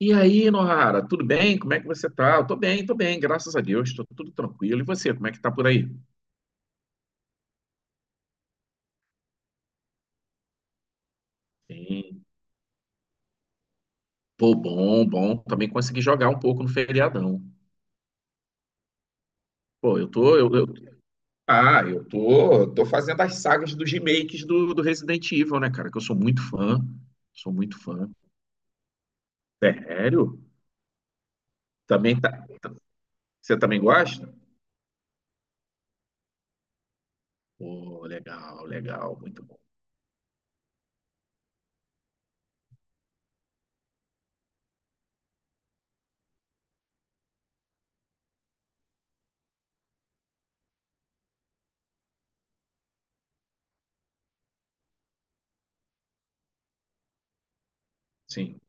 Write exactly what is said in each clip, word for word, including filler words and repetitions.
E aí, Nohara, tudo bem? Como é que você tá? Eu tô bem, tô bem, graças a Deus, tô tudo tranquilo. E você, como é que tá por aí? Sim. Pô, bom, bom. Também consegui jogar um pouco no feriadão. Pô, eu tô, eu, eu- ah, Eu tô, tô fazendo as sagas dos remakes do, do Resident Evil, né, cara? Que eu sou muito fã, sou muito fã. Sério? Também tá, tá, você também gosta? Pô, legal, legal, muito bom. Sim.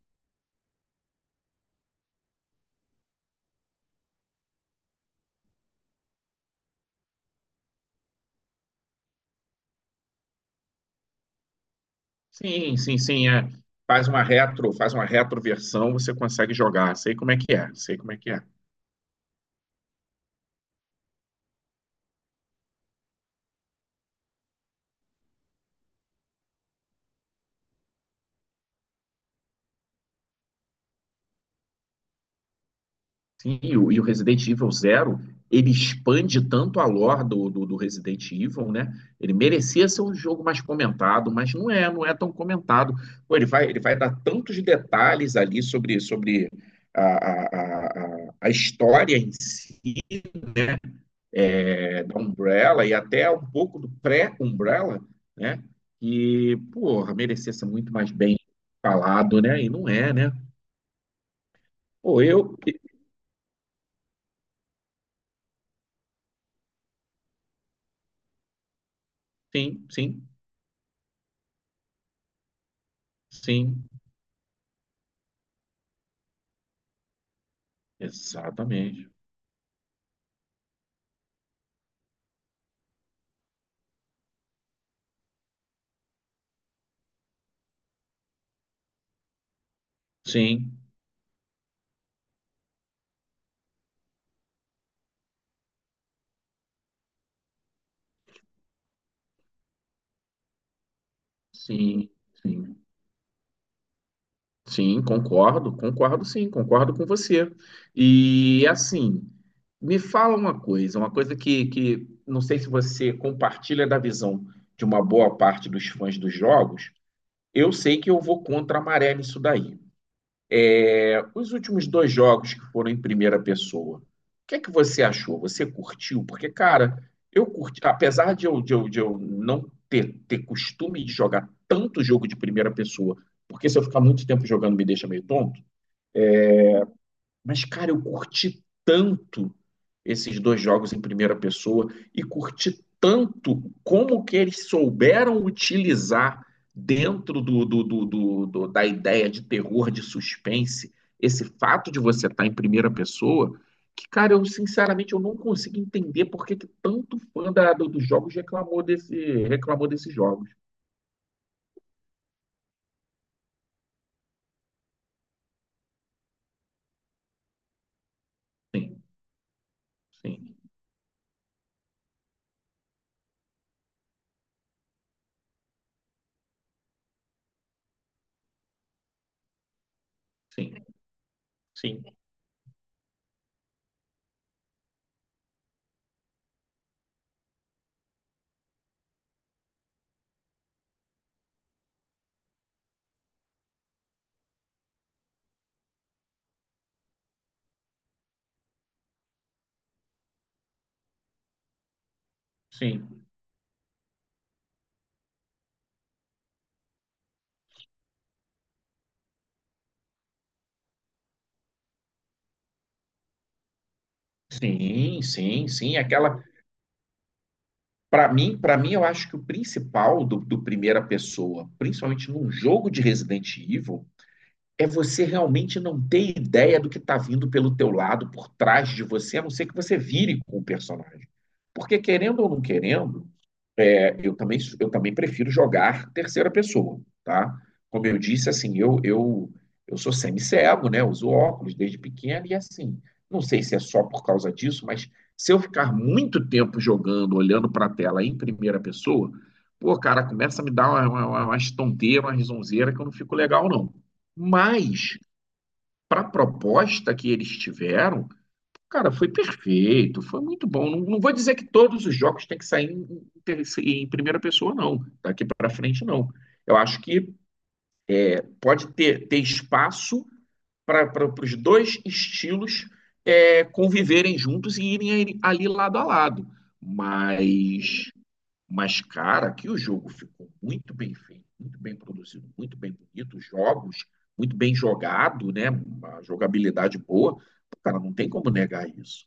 Sim, sim, sim, é. Faz uma retro, faz uma retroversão, você consegue jogar. Sei como é que é, sei como é que é. Sim, e o, e o Resident Evil Zero ele expande tanto a lore do, do, do Resident Evil, né? Ele merecia ser um jogo mais comentado, mas não é, não é tão comentado. Pô, ele vai, ele vai dar tantos detalhes ali sobre, sobre a, a, a, a a história em si, né? É, da Umbrella e até um pouco do pré-Umbrella, né? E porra, merecia ser muito mais bem falado, né? E não é, né? Ou eu, sim, sim, sim, exatamente. Sim, sim, sim. Sim, concordo, concordo, sim, concordo com você. E assim, me fala uma coisa, uma coisa que, que não sei se você compartilha da visão de uma boa parte dos fãs dos jogos. Eu sei que eu vou contra a maré nisso daí. É, os últimos dois jogos que foram em primeira pessoa, o que é que você achou? Você curtiu? Porque, cara, eu curti, apesar de eu, de eu, de eu não ter, ter costume de jogar tanto jogo de primeira pessoa, porque se eu ficar muito tempo jogando me deixa meio tonto, mas, cara, eu curti tanto esses dois jogos em primeira pessoa, e curti tanto como que eles souberam utilizar dentro do, do- do- do- do- da ideia de terror, de suspense, esse fato de você estar em primeira pessoa, que, cara, eu sinceramente eu não consigo entender por que que tanto fã da- do- dos jogos reclamou desse, reclamou desses jogos. Sim, sim, sim, sim, sim. Sim, sim, sim. Aquela... Para mim, para mim, eu acho que o principal do, do primeira pessoa, principalmente num jogo de Resident Evil, é você realmente não ter ideia do que está vindo pelo teu lado, por trás de você, a não ser que você vire com o personagem. Porque querendo ou não querendo, é, eu também, eu também prefiro jogar terceira pessoa, tá? Como eu disse, assim, eu, eu, eu sou semi-cego, né? Uso óculos desde pequeno e assim, não sei se é só por causa disso, mas se eu ficar muito tempo jogando, olhando para a tela em primeira pessoa, pô, cara, começa a me dar uma, uma, uma, umas tonteiras, uma risonzeira que eu não fico legal, não. Mas para a proposta que eles tiveram, cara, foi perfeito, foi muito bom. Não, não vou dizer que todos os jogos têm que sair em, ter- em primeira pessoa, não. Daqui para frente, não. Eu acho que pode ter, ter espaço para os dois estilos, é, conviverem juntos e irem ali ali lado a lado. Mas, mas, cara, que o jogo ficou muito bem feito, muito bem produzido, muito bem bonito, os jogos, muito bem jogado, né? Uma jogabilidade boa. Cara, não tem como negar isso.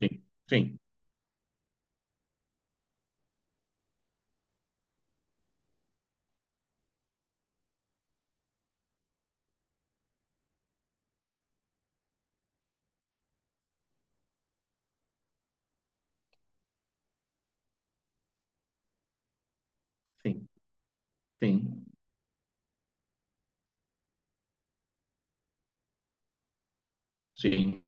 Sim, sim. Sim, sim, sim,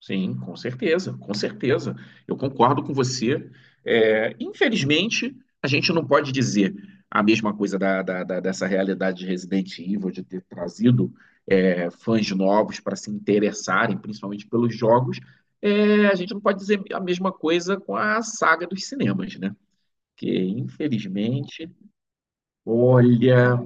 sim, com certeza, com certeza. Eu concordo com você. É, infelizmente, a gente não pode dizer a mesma coisa da, da- da- dessa realidade de Resident Evil, de ter trazido, é, fãs novos para se interessarem, principalmente pelos jogos. É, a gente não pode dizer a mesma coisa com a saga dos cinemas, né? Que infelizmente, olha,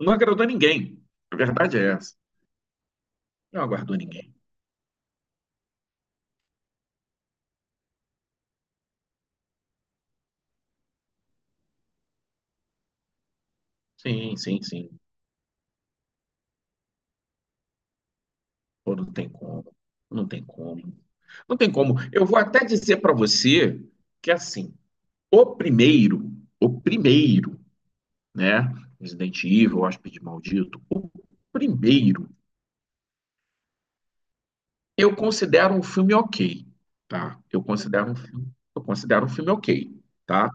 não agradou ninguém. A verdade é essa. Não aguardou ninguém. Sim, sim, sim. Pô, não tem como. Não tem como. Não tem como. Eu vou até dizer para você que assim, o primeiro, o primeiro, né, Resident Evil, Hóspede Maldito, o primeiro, eu considero um filme ok, tá? Eu considero um filme, eu considero um filme ok, tá?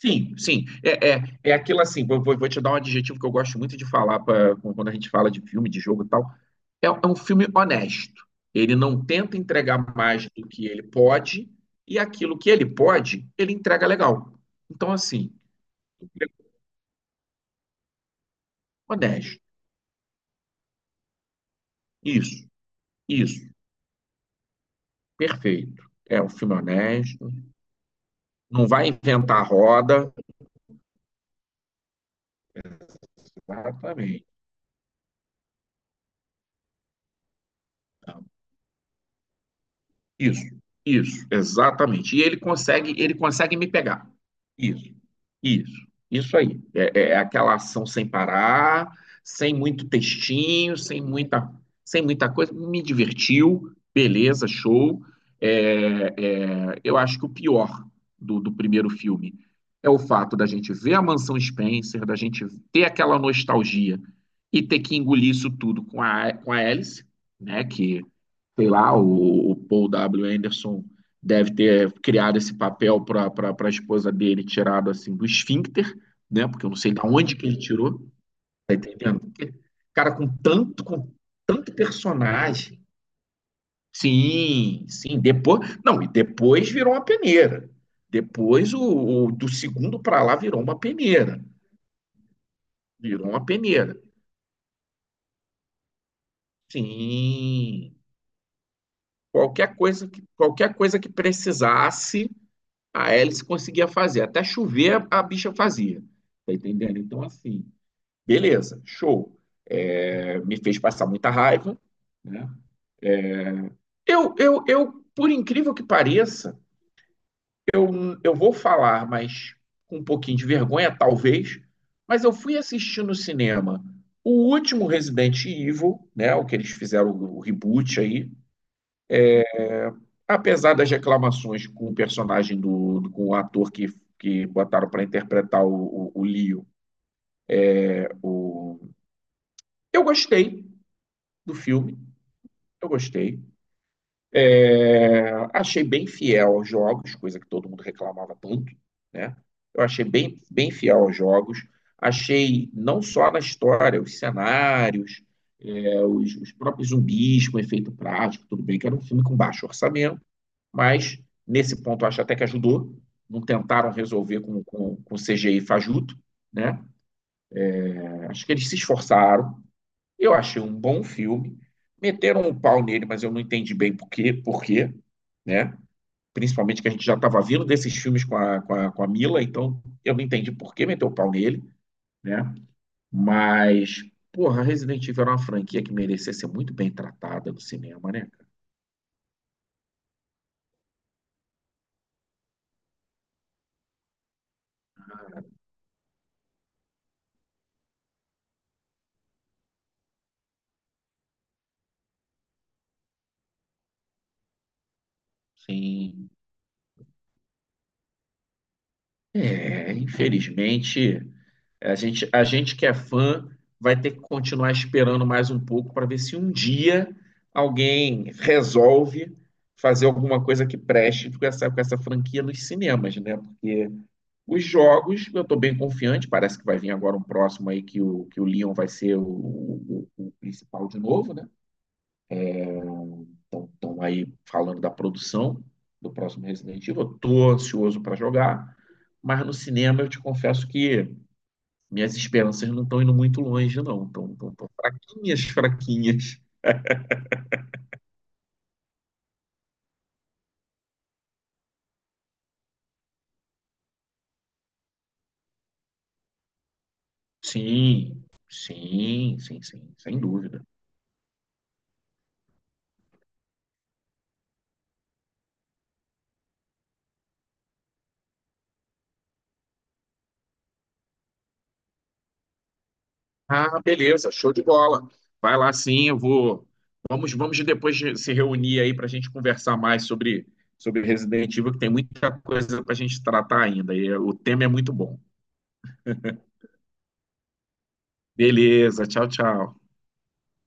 Sim, sim, é, é, é aquilo assim, vou, vou, vou te dar um adjetivo que eu gosto muito de falar pra, quando a gente fala de filme, de jogo e tal. É, é um filme honesto. Ele não tenta entregar mais do que ele pode, e aquilo que ele pode, ele entrega legal. Então, assim, honesto. Isso, isso, perfeito. É um filme honesto. Não vai inventar roda. Exatamente. Isso, isso, exatamente. E ele consegue, ele consegue me pegar. Isso, isso, isso aí. É, é é aquela ação sem parar, sem muito textinho, sem muita, sem muita coisa. Me divertiu, beleza, show. É, é, eu acho que o pior do, do primeiro filme é o fato da gente ver a Mansão Spencer, da gente ter aquela nostalgia e ter que engolir isso tudo com a, com a Alice, né? Que sei lá, o, o Paul W. Anderson deve ter criado esse papel para a esposa dele, tirado assim do esfíncter, né? Porque eu não sei de onde que ele tirou, tá entendendo? Porque, cara, com tanto, com tanto personagem. Sim, sim, depois. Não, e depois virou uma peneira. Depois o, o do segundo para lá virou uma peneira. Virou uma peneira. Sim. Qualquer coisa que, qualquer coisa que precisasse, a hélice conseguia fazer. Até chover, a bicha fazia. Tá entendendo? Então, assim, beleza, show. É, me fez passar muita raiva, né? Eu, eu, eu, por incrível que pareça, eu vou falar, mas com um pouquinho de vergonha, talvez, mas eu fui assistir no cinema o último Resident Evil, né? O que eles fizeram, o reboot aí. É, apesar das reclamações com o personagem do, do- com o ator que, que botaram para interpretar o, o, o Leo. O... eu gostei do filme, eu gostei. É, achei bem fiel aos jogos, coisa que todo mundo reclamava tanto, né? Eu achei bem, bem fiel aos jogos. Achei não só na história, os cenários, é, os, os próprios zumbis com efeito prático, tudo bem que era um filme com baixo orçamento, mas nesse ponto eu acho até que ajudou. Não tentaram resolver com, com, com C G I fajuto, né? É, acho que eles se esforçaram. Eu achei um bom filme. Meteram um pau nele, mas eu não entendi bem por quê, por quê, né? Principalmente que a gente já estava vindo desses filmes com a, com a, com a Mila, então eu não entendi por que meteu o pau nele, né? Mas porra, Resident Evil era uma franquia que merecia ser muito bem tratada no cinema, né? Sim. É, infelizmente, A gente, a gente que é fã vai ter que continuar esperando mais um pouco para ver se um dia alguém resolve fazer alguma coisa que preste com essa, com essa franquia nos cinemas, né? Porque os jogos, eu estou bem confiante, parece que vai vir agora um próximo aí que o, que o Leon vai ser o, o- o principal de novo, né? Então, estão aí falando da produção do próximo Resident Evil. Eu tô ansioso para jogar, mas no cinema eu te confesso que minhas esperanças não estão indo muito longe, não. Estão tão, tão fraquinhas, fraquinhas. Sim, sim, sim, sim, sem dúvida. Ah, beleza, show de bola. Vai lá, sim, eu vou. Vamos, vamos depois de se reunir aí para a gente conversar mais sobre, sobre Resident Evil, que tem muita coisa para a gente tratar ainda. E o tema é muito bom. Beleza, tchau, tchau.